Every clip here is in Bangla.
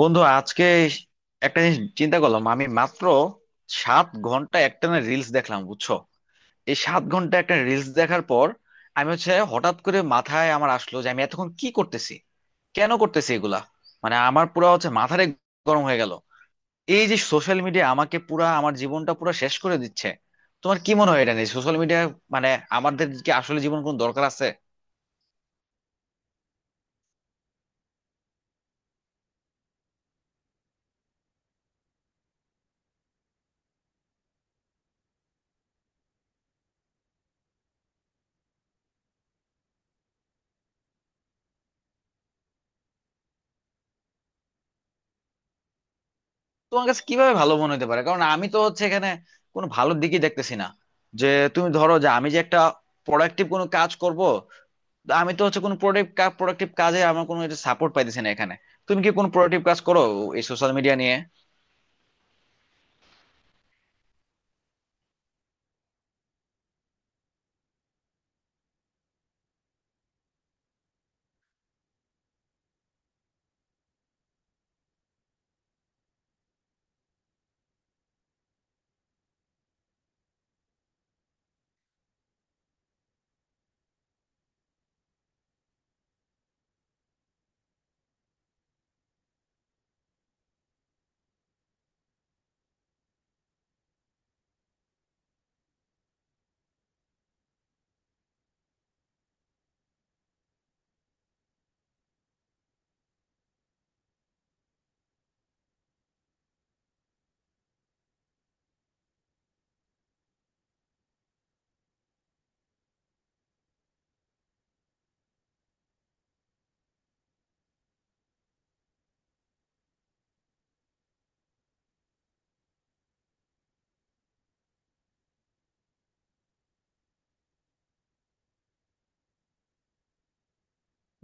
বন্ধু আজকে একটা জিনিস চিন্তা করলাম। আমি মাত্র 7 ঘন্টা একটানা রিলস দেখলাম, বুঝছো? এই 7 ঘন্টা একটা রিলস দেখার পর আমি হচ্ছে হঠাৎ করে মাথায় আমার আসলো যে আমি এতক্ষণ কি করতেছি, কেন করতেছি এগুলা। মানে আমার পুরা হচ্ছে মাথারে গরম হয়ে গেল। এই যে সোশ্যাল মিডিয়া আমাকে পুরা, আমার জীবনটা পুরা শেষ করে দিচ্ছে। তোমার কি মনে হয় এটা নিয়ে? সোশ্যাল মিডিয়া মানে আমাদের কি আসলে জীবন কোনো দরকার আছে? তোমার কাছে কিভাবে ভালো মনে হতে পারে? কারণ আমি তো হচ্ছে এখানে কোনো ভালো দিকই দেখতেছি না। যে তুমি ধরো যে আমি যে একটা প্রোডাক্টিভ কোনো কাজ করব, তো আমি তো হচ্ছে কোনো প্রোডাক্টিভ কাজে আমার কোনো সাপোর্ট পাইতেছি না এখানে। তুমি কি কোনো প্রোডাক্টিভ কাজ করো এই সোশ্যাল মিডিয়া নিয়ে?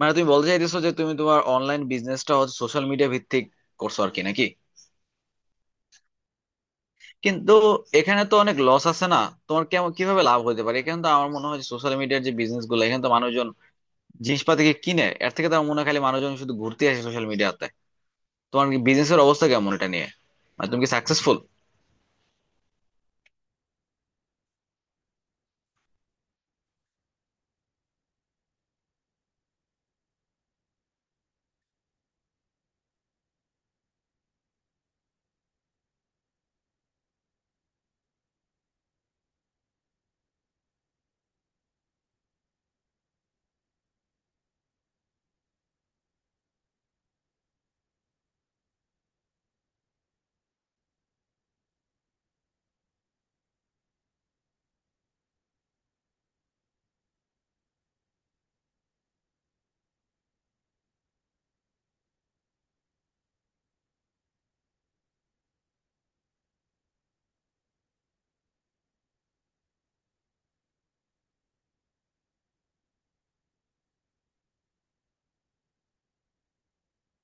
মানে তুমি বলতে চাইতেছো যে তুমি তোমার অনলাইন বিজনেসটা হচ্ছে সোশ্যাল মিডিয়া ভিত্তিক করছো আর কি, নাকি? কিন্তু এখানে তো অনেক লস আছে না? তোমার কেমন, কিভাবে লাভ হতে পারে? এখানে তো আমার মনে হয় সোশ্যাল মিডিয়ার যে বিজনেস গুলো, এখানে তো মানুষজন জিনিসপাতি কিনে, এর থেকে তো আমার মনে হয় খালি মানুষজন শুধু ঘুরতে আসে সোশ্যাল মিডিয়াতে। তোমার বিজনেসের অবস্থা কেমন এটা নিয়ে? মানে তুমি কি সাকসেসফুল?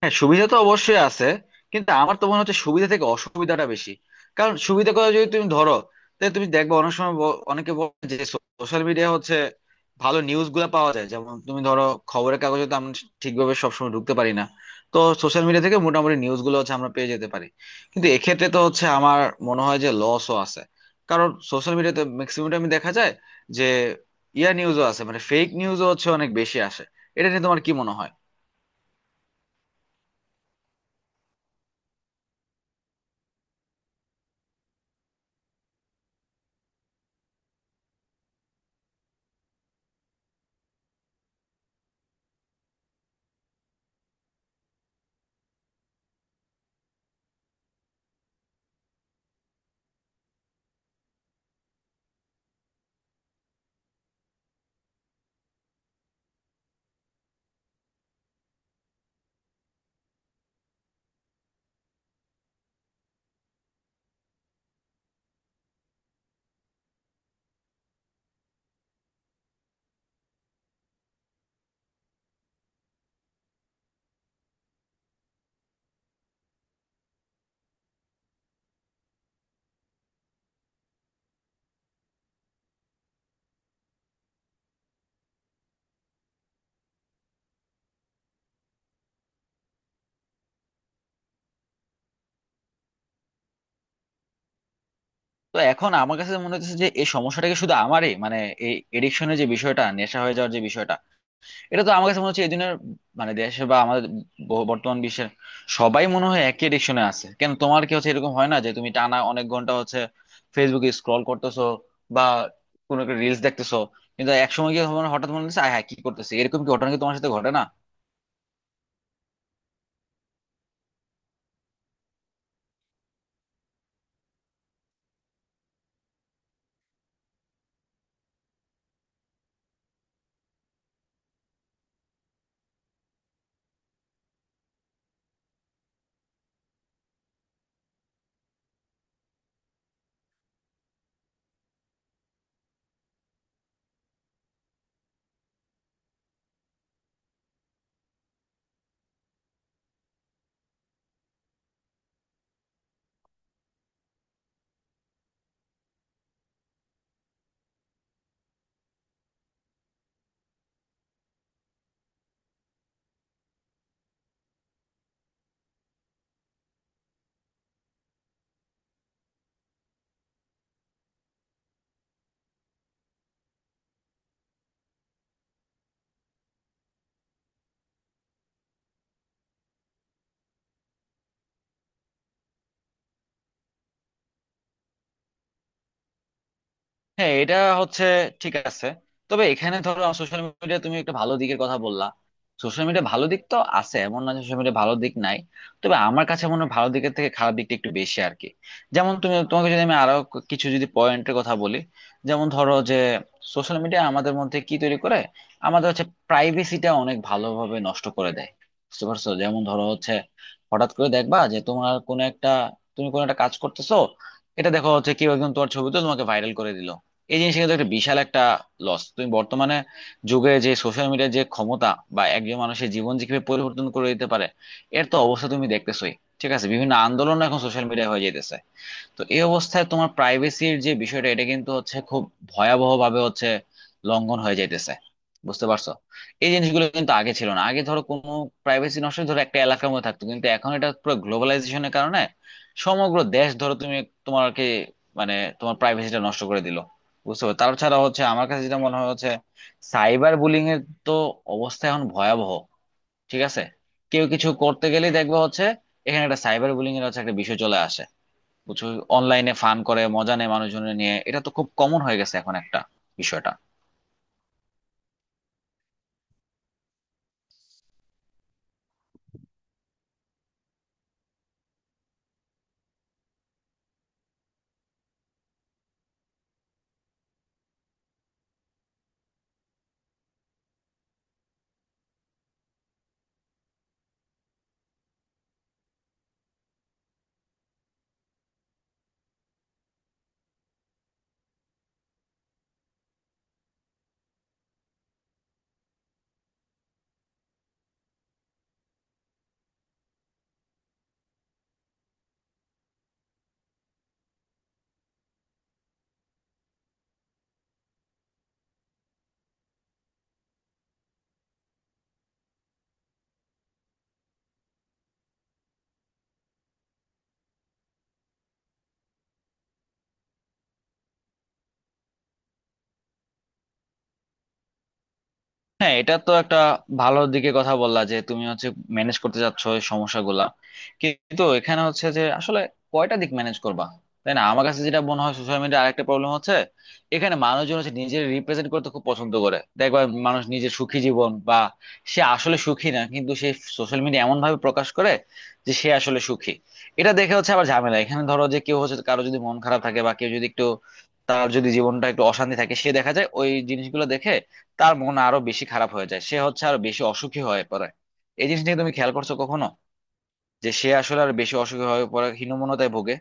হ্যাঁ, সুবিধা তো অবশ্যই আছে, কিন্তু আমার তো মনে হচ্ছে সুবিধা থেকে অসুবিধাটা বেশি। কারণ সুবিধা করে যদি তুমি ধরো, তাহলে তুমি দেখবে অনেক সময় অনেকে বলে যে সোশ্যাল মিডিয়া হচ্ছে ভালো নিউজ গুলা পাওয়া যায়। যেমন তুমি ধরো, খবরের কাগজে তো আমরা ঠিকভাবে সবসময় ঢুকতে পারি না, তো সোশ্যাল মিডিয়া থেকে মোটামুটি নিউজ গুলো হচ্ছে আমরা পেয়ে যেতে পারি। কিন্তু এক্ষেত্রে তো হচ্ছে আমার মনে হয় যে লসও আছে। কারণ সোশ্যাল মিডিয়াতে ম্যাক্সিমাম আমি দেখা যায় যে ইয়া নিউজও আছে, মানে ফেক নিউজও হচ্ছে অনেক বেশি আসে। এটা নিয়ে তোমার কি মনে হয়? তো এখন আমার কাছে মনে হচ্ছে যে এই সমস্যাটা কি শুধু আমারই? মানে এই এডিকশনের যে বিষয়টা, নেশা হয়ে যাওয়ার যে বিষয়টা, এটা তো আমার কাছে মনে হচ্ছে এই দিনের, মানে দেশে বা আমাদের বর্তমান বিশ্বের সবাই মনে হয় একই এডিকশনে আছে। কেন, তোমার কি হচ্ছে এরকম হয় না যে তুমি টানা অনেক ঘন্টা হচ্ছে ফেসবুকে স্ক্রল করতেছো বা কোনো একটা রিলস দেখতেছো, কিন্তু একসময় গিয়ে তোমার হঠাৎ মনে হচ্ছে আয় হ্যাঁ কি করতেছি? এরকম কি ঘটনা কি তোমার সাথে ঘটে না? হ্যাঁ, এটা হচ্ছে ঠিক আছে। তবে এখানে ধরো সোশ্যাল মিডিয়া তুমি একটা ভালো দিকের কথা বললা। সোশ্যাল মিডিয়া ভালো দিক তো আছে, এমন না সোশ্যাল মিডিয়া ভালো দিক নাই। তবে আমার কাছে মনে হয় ভালো দিকের থেকে খারাপ দিকটা একটু বেশি আর কি। যেমন তুমি, তোমাকে যদি আমি আরো কিছু যদি পয়েন্টের কথা বলি, যেমন ধরো যে সোশ্যাল মিডিয়া আমাদের মধ্যে কি তৈরি করে, আমাদের হচ্ছে প্রাইভেসিটা অনেক ভালোভাবে নষ্ট করে দেয়। বুঝতে পারছো? যেমন ধরো হচ্ছে হঠাৎ করে দেখবা যে তোমার কোনো একটা, তুমি কোনো একটা কাজ করতেছো, এটা দেখো হচ্ছে কেউ একজন তোমার ছবি তো তোমাকে ভাইরাল করে দিল। এই জিনিসটা কিন্তু একটা বিশাল একটা লস। তুমি বর্তমানে যুগে যে সোশ্যাল মিডিয়ার যে ক্ষমতা বা একজন মানুষের জীবন যে কিভাবে পরিবর্তন করে দিতে পারে, এর তো অবস্থা তুমি দেখতেছোই। ঠিক আছে, বিভিন্ন আন্দোলন এখন সোশ্যাল মিডিয়া হয়ে যাইতেছে। তো এই অবস্থায় তোমার প্রাইভেসির যে বিষয়টা, এটা কিন্তু হচ্ছে খুব ভয়াবহ ভাবে হচ্ছে লঙ্ঘন হয়ে যাইতেছে। বুঝতে পারছো? এই জিনিসগুলো কিন্তু আগে ছিল না। আগে ধরো কোনো প্রাইভেসি নষ্ট হলে ধরো একটা এলাকার মধ্যে থাকতো, কিন্তু এখন এটা পুরো গ্লোবালাইজেশনের কারণে সমগ্র দেশ ধরো তুমি, তোমাকে, মানে তোমার প্রাইভেসিটা নষ্ট করে দিল। বুঝতে পারছো? তাছাড়া হচ্ছে আমার কাছে যেটা মনে হয় হচ্ছে সাইবার বুলিং এর তো অবস্থা এখন ভয়াবহ। ঠিক আছে, কেউ কিছু করতে গেলেই দেখবে হচ্ছে এখানে একটা সাইবার বুলিং এর হচ্ছে একটা বিষয় চলে আসে। বুঝছো? অনলাইনে ফান করে মজা নেয় মানুষজনের নিয়ে, এটা তো খুব কমন হয়ে গেছে এখন একটা বিষয়টা। হ্যাঁ, এটা তো একটা ভালো দিকে কথা বললা যে তুমি হচ্ছে ম্যানেজ করতে চাচ্ছ এই সমস্যাগুলা। কিন্তু এখানে হচ্ছে যে আসলে কয়টা দিক ম্যানেজ করবা, তাই না? আমার কাছে যেটা মনে হয় সোশ্যাল মিডিয়ার আরেকটা প্রবলেম হচ্ছে, এখানে মানুষজন হচ্ছে নিজের রিপ্রেজেন্ট করতে খুব পছন্দ করে দেখবা। মানুষ নিজের সুখী জীবন বা সে আসলে সুখী না, কিন্তু সে সোশ্যাল মিডিয়া এমন ভাবে প্রকাশ করে যে সে আসলে সুখী। এটা দেখে হচ্ছে আবার ঝামেলা। এখানে ধরো যে কেউ হচ্ছে কারো যদি মন খারাপ থাকে বা কেউ যদি একটু, তার যদি জীবনটা একটু অশান্তি থাকে, সে দেখা যায় ওই জিনিসগুলো দেখে তার মন আরো বেশি খারাপ হয়ে যায়, সে হচ্ছে আরো বেশি অসুখী হয়ে পড়ে। এই জিনিসটা কি তুমি খেয়াল করছো কখনো, যে সে আসলে আরো বেশি অসুখী হয়ে পড়ে হীনমন্যতায় ভোগে?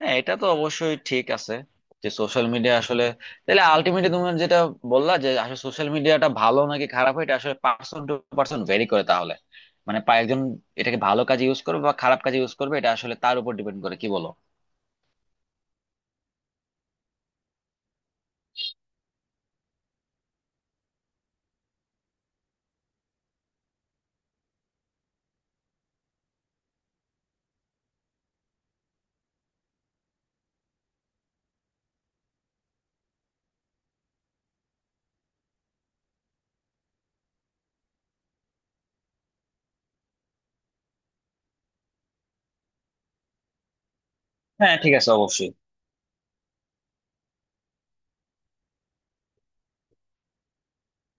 হ্যাঁ, এটা তো অবশ্যই ঠিক আছে যে সোশ্যাল মিডিয়া আসলে, তাহলে আলটিমেটলি তুমি যেটা বললা যে আসলে সোশ্যাল মিডিয়াটা ভালো নাকি খারাপ, এটা আসলে পার্সন টু পার্সন ভেরি করে। তাহলে মানে একজন এটাকে ভালো কাজে ইউজ করবে বা খারাপ কাজে ইউজ করবে, এটা আসলে তার উপর ডিপেন্ড করে, কি বলো? হ্যাঁ, ঠিক আছে, অবশ্যই।